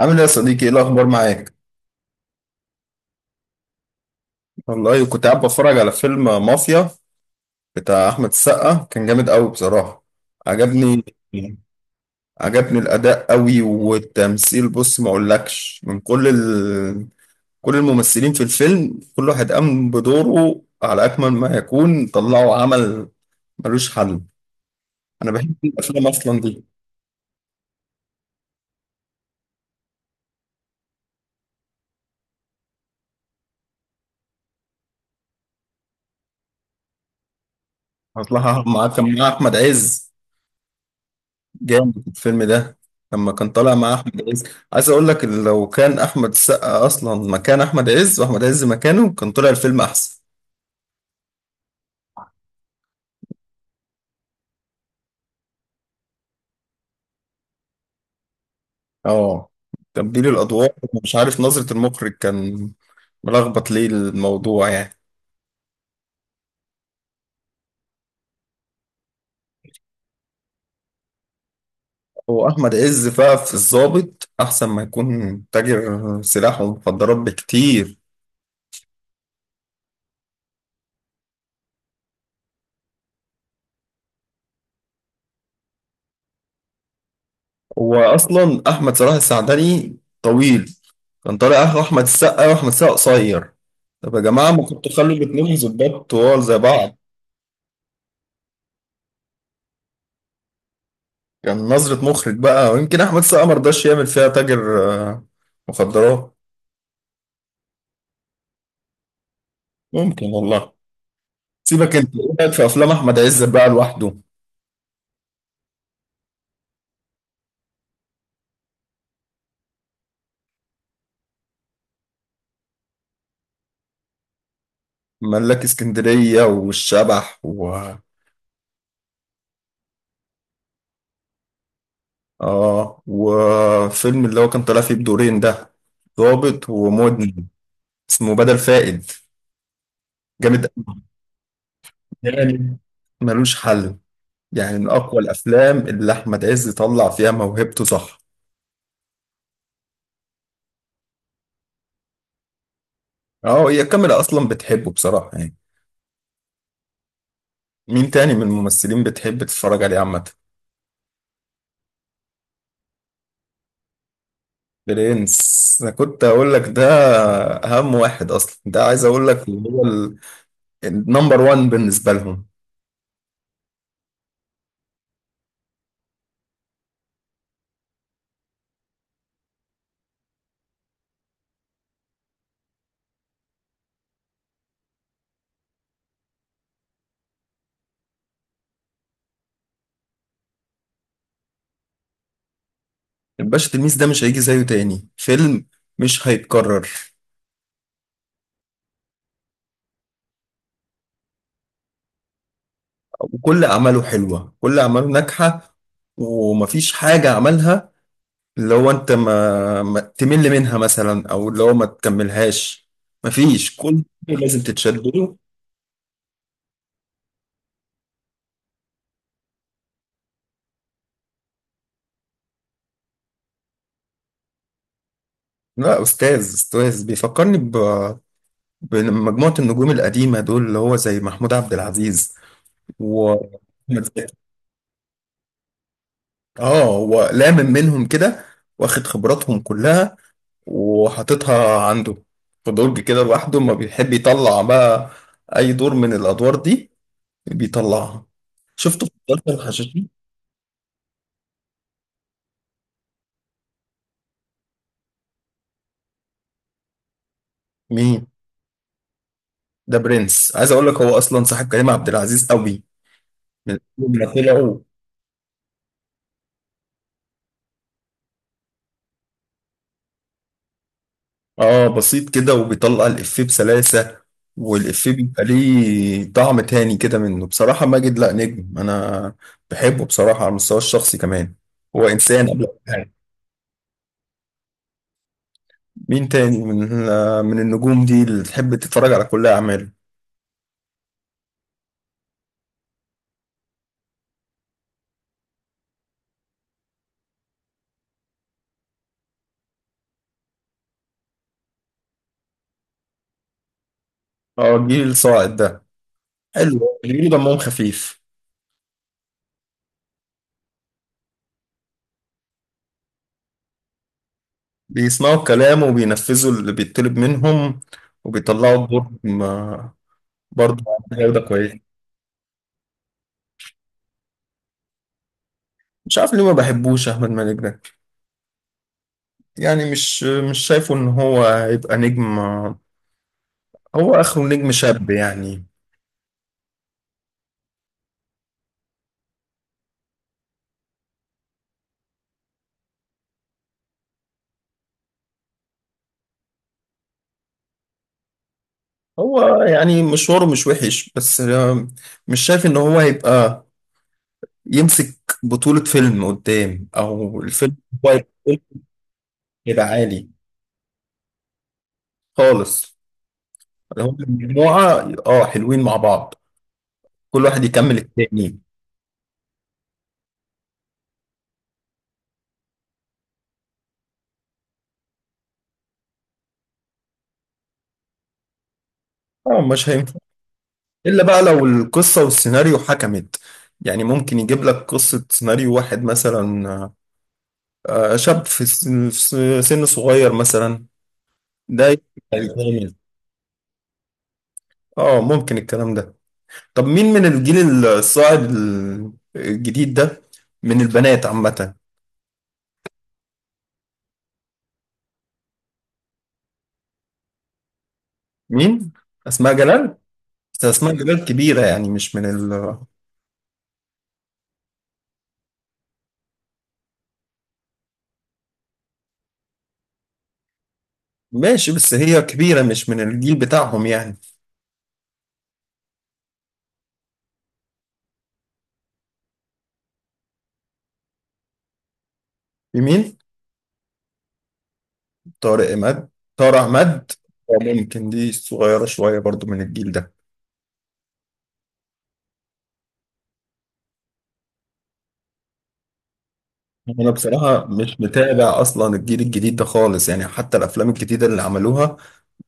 عامل ايه يا صديقي؟ ايه الاخبار معاك؟ والله كنت قاعد بتفرج على فيلم مافيا بتاع احمد السقا، كان جامد قوي بصراحه، عجبني. عجبني الاداء قوي والتمثيل. بص، ما اقولكش، من كل كل الممثلين في الفيلم كل واحد قام بدوره على اكمل ما يكون، طلعوا عمل ملوش حل. انا بحب الافلام اصلا دي. اصلها كان مع احمد عز. جامد الفيلم ده لما كان طالع مع احمد عز. عايز اقول لك إن لو كان احمد السقا اصلا مكان احمد عز واحمد عز مكانه، كان طلع الفيلم احسن. اه، تبديل الادوار. مش عارف نظرة المخرج كان ملخبط ليه الموضوع يعني. هو احمد عز بقى في الضابط احسن ما يكون تاجر سلاح ومخدرات بكتير. هو اصلا احمد صلاح السعدني طويل، كان طالع اخو احمد السقا، واحمد السقا قصير. طب يا جماعه ما كنتوا خلوا الاتنين ظباط طوال زي بعض. كان نظره مخرج بقى، ويمكن احمد السقا ما رضاش يعمل فيها تاجر مخدرات. ممكن والله. سيبك، انت ايه رايك في افلام احمد عز بقى لوحده؟ ملاك اسكندريه والشبح و اه، وفيلم اللي هو كان طالع فيه بدورين ده، ضابط ومدمن، اسمه بدل فائد، جامد يعني، ملوش حل، يعني من اقوى الافلام اللي احمد عز طلع فيها موهبته صح. اه، هي الكاميرا اصلا بتحبه بصراحه يعني. مين تاني من الممثلين بتحب تتفرج عليه عامه؟ برنس، انا كنت اقول لك ده، اهم واحد اصلا ده، عايز اقول لك اللي هو النمبر وان بالنسبه لهم. الباشا تلميذ ده مش هيجي زيه تاني فيلم، مش هيتكرر. وكل اعماله حلوه، كل اعماله ناجحه، ومفيش حاجه عملها اللي هو انت ما تمل منها مثلا، او اللي هو ما تكملهاش. مفيش، كل شيء لازم تتشد له. لا، استاذ استاذ، بيفكرني بمجموعة النجوم القديمة دول، اللي هو زي محمود عبد العزيز و اه، هو لامم منهم كده، واخد خبراتهم كلها وحاططها عنده في درج كده لوحده، ما بيحب يطلع بقى اي دور من الادوار دي، بيطلعها. شفته في مسلسل الحشاشين. مين؟ ده برنس، عايز اقول لك هو اصلا صاحب كريم عبد العزيز قوي. من أول ما طلعوا. اه، بسيط كده وبيطلع الافيه بسلاسه، والافيه بيبقى ليه طعم تاني كده منه بصراحه. ماجد لا، نجم. انا بحبه بصراحه على المستوى الشخصي كمان، هو انسان قبل كل حاجه. مين تاني من النجوم دي اللي تحب تتفرج على كل اعماله؟ اه، الجيل الصاعد ده، حلو، بيقولوا دمهم خفيف. بيسمعوا الكلام وبينفذوا اللي بيطلب منهم وبيطلعوا الدور. آه، برضه. جودة كويسة. مش عارف ليه ما بحبوش أحمد مالك ده. يعني مش شايفه إن هو هيبقى نجم، هو آخره نجم شاب يعني. هو يعني مشواره مش وحش، بس مش شايف إن هو هيبقى يمسك بطولة فيلم قدام، أو الفيلم. هو هيبقى عالي خالص. هم مجموعة حلوين مع بعض، كل واحد يكمل التاني. اه، مش إلا بقى لو القصة والسيناريو حكمت، يعني ممكن يجيب لك قصة سيناريو واحد مثلا شاب في سن صغير مثلا، ده يبقى الجامد. اه، ممكن الكلام ده. طب مين من الجيل الصاعد الجديد ده من البنات عامة؟ مين؟ أسماء جلال؟ بس أسماء جلال كبيرة يعني، مش من ال ماشي، بس هي كبيرة، مش من الجيل بتاعهم يعني. في مين؟ طارق إمد، طارق أحمد. ممكن دي صغيرة شوية برضو من الجيل ده. أنا بصراحة مش متابع أصلا الجيل الجديد ده خالص يعني، حتى الأفلام الجديدة اللي عملوها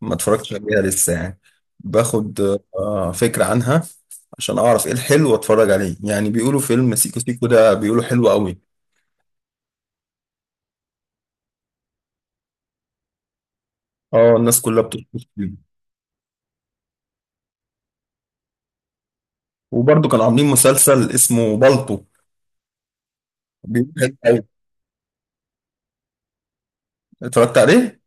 ما اتفرجتش عليها لسه يعني. باخد فكرة عنها عشان أعرف إيه الحلو وأتفرج عليه، يعني بيقولوا فيلم سيكو سيكو ده بيقولوا حلو قوي. اه، الناس كلها بتشكر فيه. وبرضو كانوا عاملين مسلسل اسمه بالطو بيقولوا حلو قوي، اتفرجت عليه.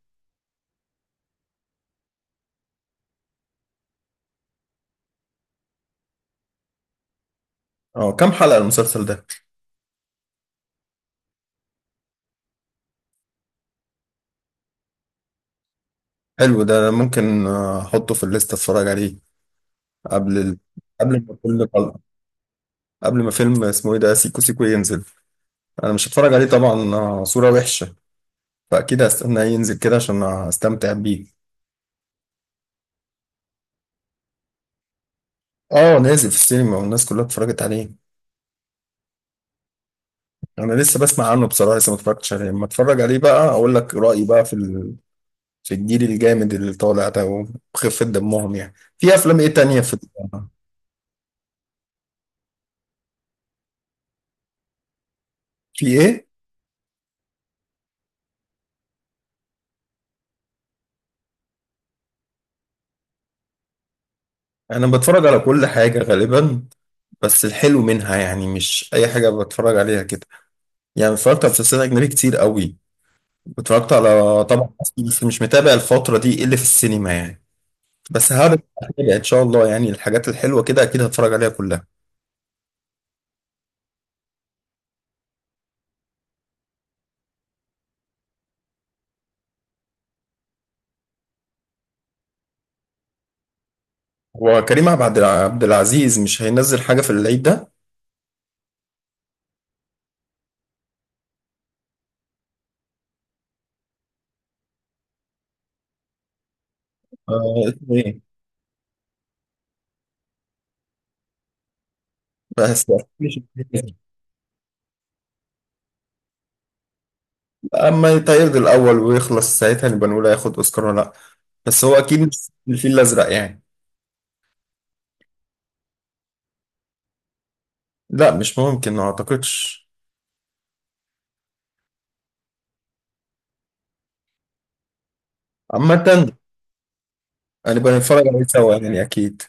اه كام حلقة المسلسل ده؟ حلو ده، ممكن احطه في الليست اتفرج عليه قبل قبل ما كل حلقة، قبل ما فيلم اسمه ايه ده، سيكو سيكو، ينزل. انا مش هتفرج عليه طبعا، صورة وحشة، فاكيد هستناه ينزل كده عشان استمتع بيه. اه، نازل في السينما والناس كلها اتفرجت عليه. انا لسه بسمع عنه بصراحة، لسه ما اتفرجتش عليه. لما اتفرج عليه بقى اقول لك رأيي بقى في في الجيل الجامد اللي طالع ده وخفة دمهم، يعني في افلام ايه تانية في؟ في ايه؟ انا بتفرج على كل حاجة غالبا، بس الحلو منها يعني، مش اي حاجة بتفرج عليها كده. يعني اتفرجت على مسلسلات أجنبي كتير قوي، اتفرجت على طبعا مصري، بس مش متابع الفترة دي إيه اللي في السينما يعني. بس هرجع أتابع إن شاء الله، يعني الحاجات الحلوة كده أكيد هتفرج عليها كلها. هو كريم عبد العزيز مش هينزل حاجة في العيد ده؟ اسمه إيه؟ بس مش أما يتعرض الأول ويخلص ساعتها نبقى نقول هياخد أوسكار ولا لأ، بس هو أكيد مش الفيل الأزرق يعني. لا مش ممكن، ما أعتقدش. عامة هنبقى نتفرج عليه سوا يعني أكيد.